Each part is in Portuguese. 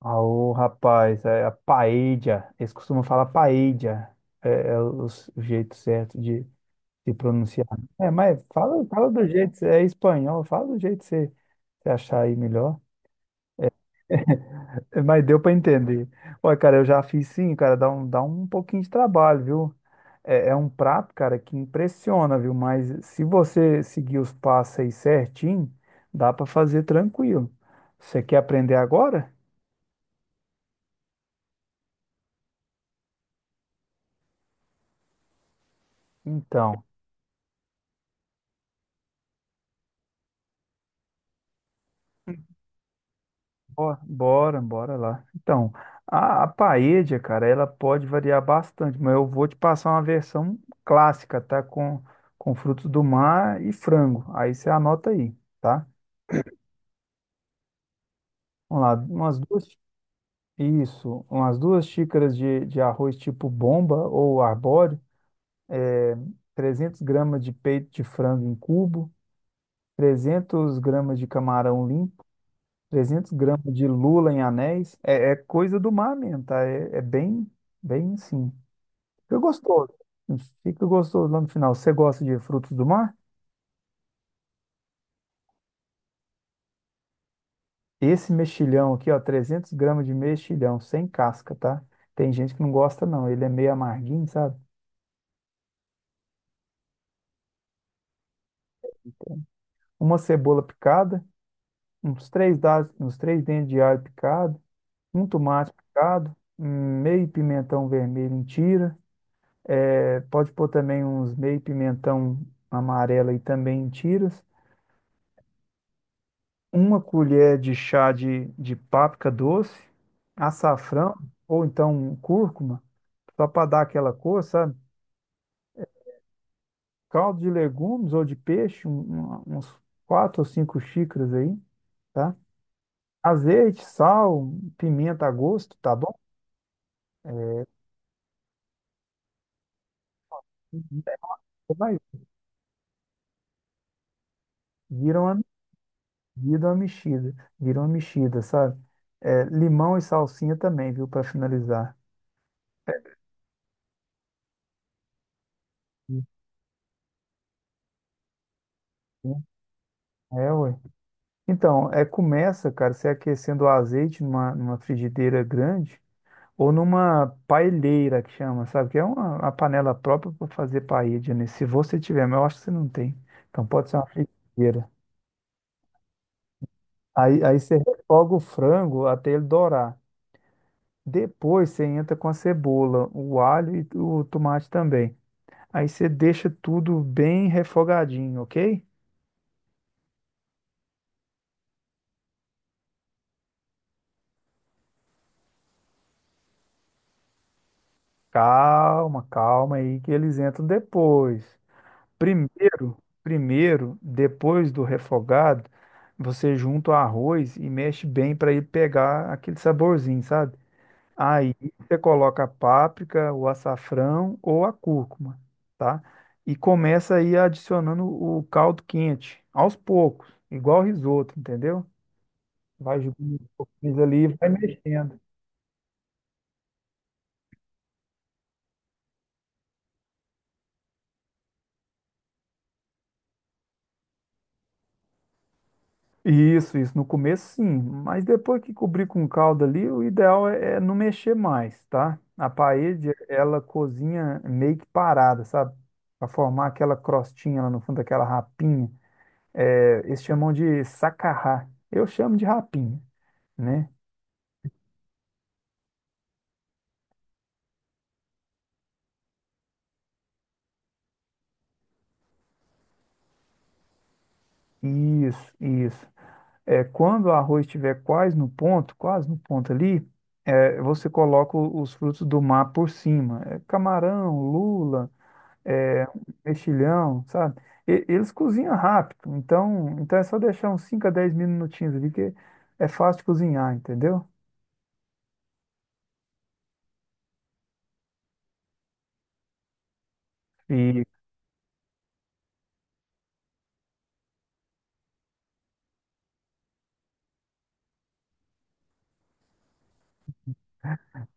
Ô, rapaz, é a paella. Eles costumam falar paella. É o jeito certo de pronunciar. É, mas fala do jeito, é espanhol, fala do jeito que você achar aí melhor. É, mas deu para entender. Olha, cara, eu já fiz sim, cara, dá um pouquinho de trabalho, viu? É um prato, cara, que impressiona, viu? Mas se você seguir os passos aí certinho, dá para fazer tranquilo. Você quer aprender agora? Então. Ó, bora, bora lá. Então, a paella, cara, ela pode variar bastante, mas eu vou te passar uma versão clássica, tá? Com frutos do mar e frango. Aí você anota aí, tá? Vamos lá, isso, umas duas xícaras de arroz tipo bomba ou arbóreo, 300 gramas de peito de frango em cubo, 300 gramas de camarão limpo, 300 gramas de lula em anéis. É coisa do mar mesmo, tá? É, é bem, bem simples. Fica gostoso. Fica gostoso lá no final. Você gosta de frutos do mar? Esse mexilhão aqui, ó, 300 gramas de mexilhão, sem casca, tá? Tem gente que não gosta, não. Ele é meio amarguinho, sabe? Uma cebola picada, uns três dentes de alho picado, um tomate picado, meio pimentão vermelho em tira. É, pode pôr também uns meio pimentão amarelo aí também em tiras. Uma colher de chá de páprica doce, açafrão ou então um cúrcuma, só para dar aquela cor, sabe? Caldo de legumes ou de peixe, uns quatro ou cinco xícaras aí, tá? Azeite, sal, pimenta a gosto, tá bom? Vai, vira uma, vira uma mexida, vira uma mexida, sabe? É, limão e salsinha também, viu, para finalizar. Isso, né? É, ué. Então, começa, cara, você aquecendo o azeite numa frigideira grande ou numa paelheira que chama, sabe? Que é uma panela própria para fazer paella, né? Se você tiver, mas eu acho que você não tem. Então pode ser uma frigideira. Aí você refoga o frango até ele dourar. Depois você entra com a cebola, o alho e o tomate também. Aí você deixa tudo bem refogadinho, ok? Calma, calma aí que eles entram depois. Primeiro, primeiro, depois do refogado, você junta o arroz e mexe bem para ele pegar aquele saborzinho, sabe? Aí você coloca a páprica, o açafrão ou a cúrcuma, tá? E começa aí adicionando o caldo quente, aos poucos, igual risoto, entendeu? Vai jogando um pouquinho ali e vai mexendo. Isso, isso. No começo, sim. Mas depois que cobrir com calda ali, o ideal é não mexer mais, tá? A parede, ela cozinha meio que parada, sabe? Para formar aquela crostinha lá no fundo, aquela rapinha. É, eles chamam de sacarrá. Eu chamo de rapinha, né? Isso, isso. É, quando o arroz estiver quase no ponto ali, você coloca os frutos do mar por cima. É, camarão, lula é, mexilhão, sabe? Eles cozinham rápido, então é só deixar uns 5 a 10 minutinhos ali, que é fácil de cozinhar, entendeu? E,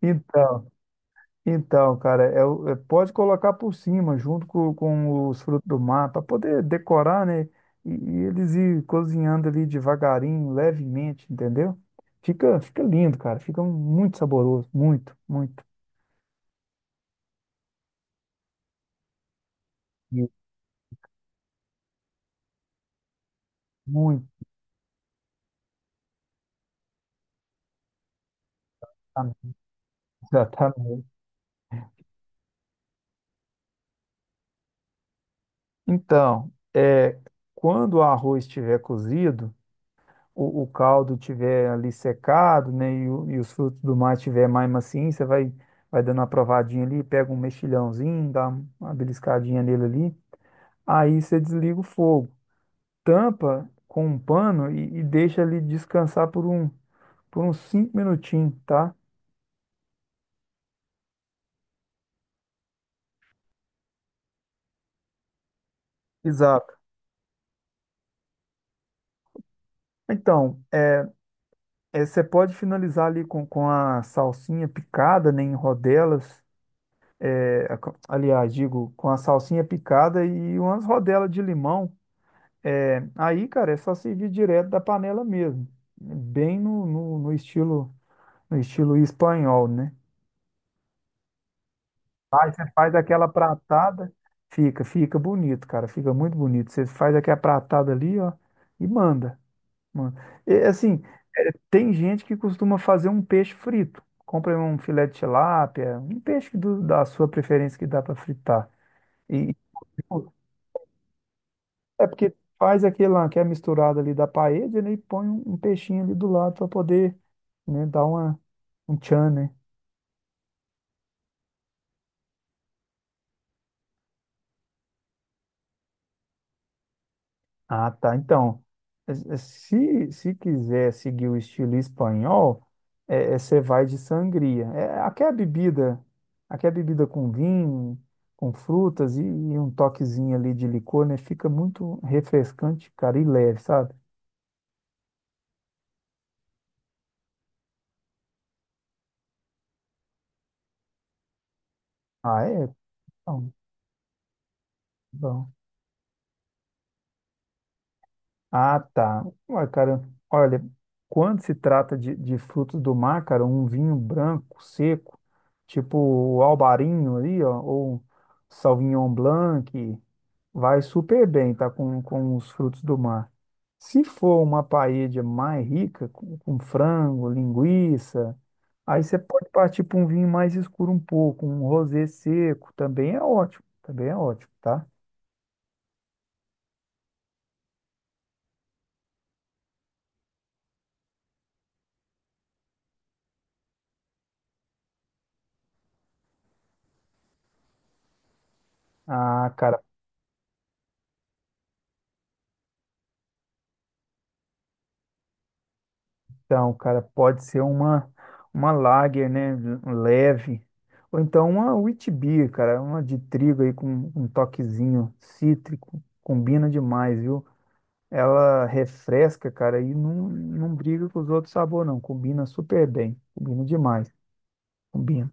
então, então, cara, pode colocar por cima, junto com os frutos do mar, para poder decorar, né? E eles ir cozinhando ali devagarinho, levemente, entendeu? Fica lindo, cara. Fica muito saboroso. Muito, muito. Muito. Exatamente. Então, quando o arroz estiver cozido, o caldo estiver ali secado, né, e os frutos do mar estiver mais macio, você vai dando uma provadinha ali, pega um mexilhãozinho, dá uma beliscadinha nele ali, aí você desliga o fogo, tampa com um pano e deixa ele descansar por uns 5 minutinhos, tá? Exato. Então, você pode finalizar ali com a salsinha picada, né, em rodelas, aliás, digo, com a salsinha picada e umas rodelas de limão. É, aí, cara, é só servir direto da panela mesmo, bem no estilo espanhol, né? Faz aquela pratada, fica bonito, cara, fica muito bonito. Você faz aquela pratada ali, ó, e manda, manda. E, assim, tem gente que costuma fazer um peixe frito. Compra um filé de tilápia, um peixe da sua preferência que dá para fritar. E, tipo, é porque faz aquela que é misturada ali da paella, né, e põe um peixinho ali do lado para poder, né, um tchan, né? Ah, tá. Então, se quiser seguir o estilo espanhol, você vai de sangria. É, aqui é a bebida com vinho, com frutas e um toquezinho ali de licor, né? Fica muito refrescante, cara, e leve, sabe? Ah, é? Bom, bom. Ah, tá. Ué, cara, olha, quando se trata de frutos do mar, cara, um vinho branco, seco, tipo o Albarinho ali, ó, ou Sauvignon Blanc, vai super bem, tá, com os frutos do mar. Se for uma paella mais rica, com frango, linguiça, aí você pode partir para um vinho mais escuro um pouco, um rosé seco, também é ótimo, tá? Ah, cara, então, cara, pode ser uma lager, né? Leve. Ou então uma wheat beer, cara. Uma de trigo aí com um toquezinho cítrico. Combina demais, viu? Ela refresca, cara, e não briga com os outros sabores, não. Combina super bem. Combina demais. Combina.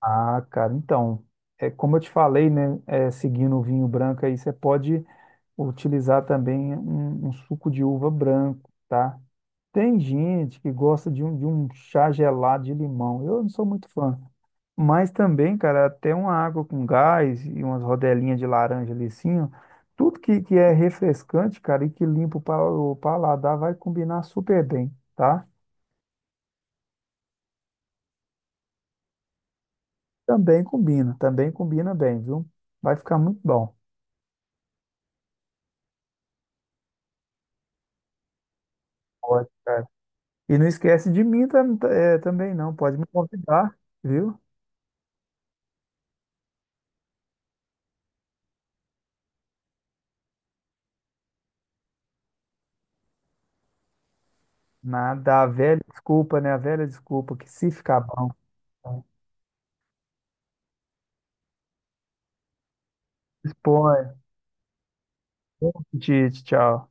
Ah, cara, então, é como eu te falei, né? Seguindo o vinho branco aí, você pode utilizar também um suco de uva branco, tá? Tem gente que gosta de um chá gelado de limão. Eu não sou muito fã. Mas também, cara, até uma água com gás e umas rodelinhas de laranja ali assim, ó. Tudo que é refrescante, cara, e que limpa o paladar vai combinar super bem, tá? Também combina bem, viu? Vai ficar muito bom. Ótimo. E não esquece de mim também, não. Pode me convidar, viu? Nada, a velha desculpa, né? A velha desculpa que se ficar bom, né? Expõe. Bom apetite, tchau.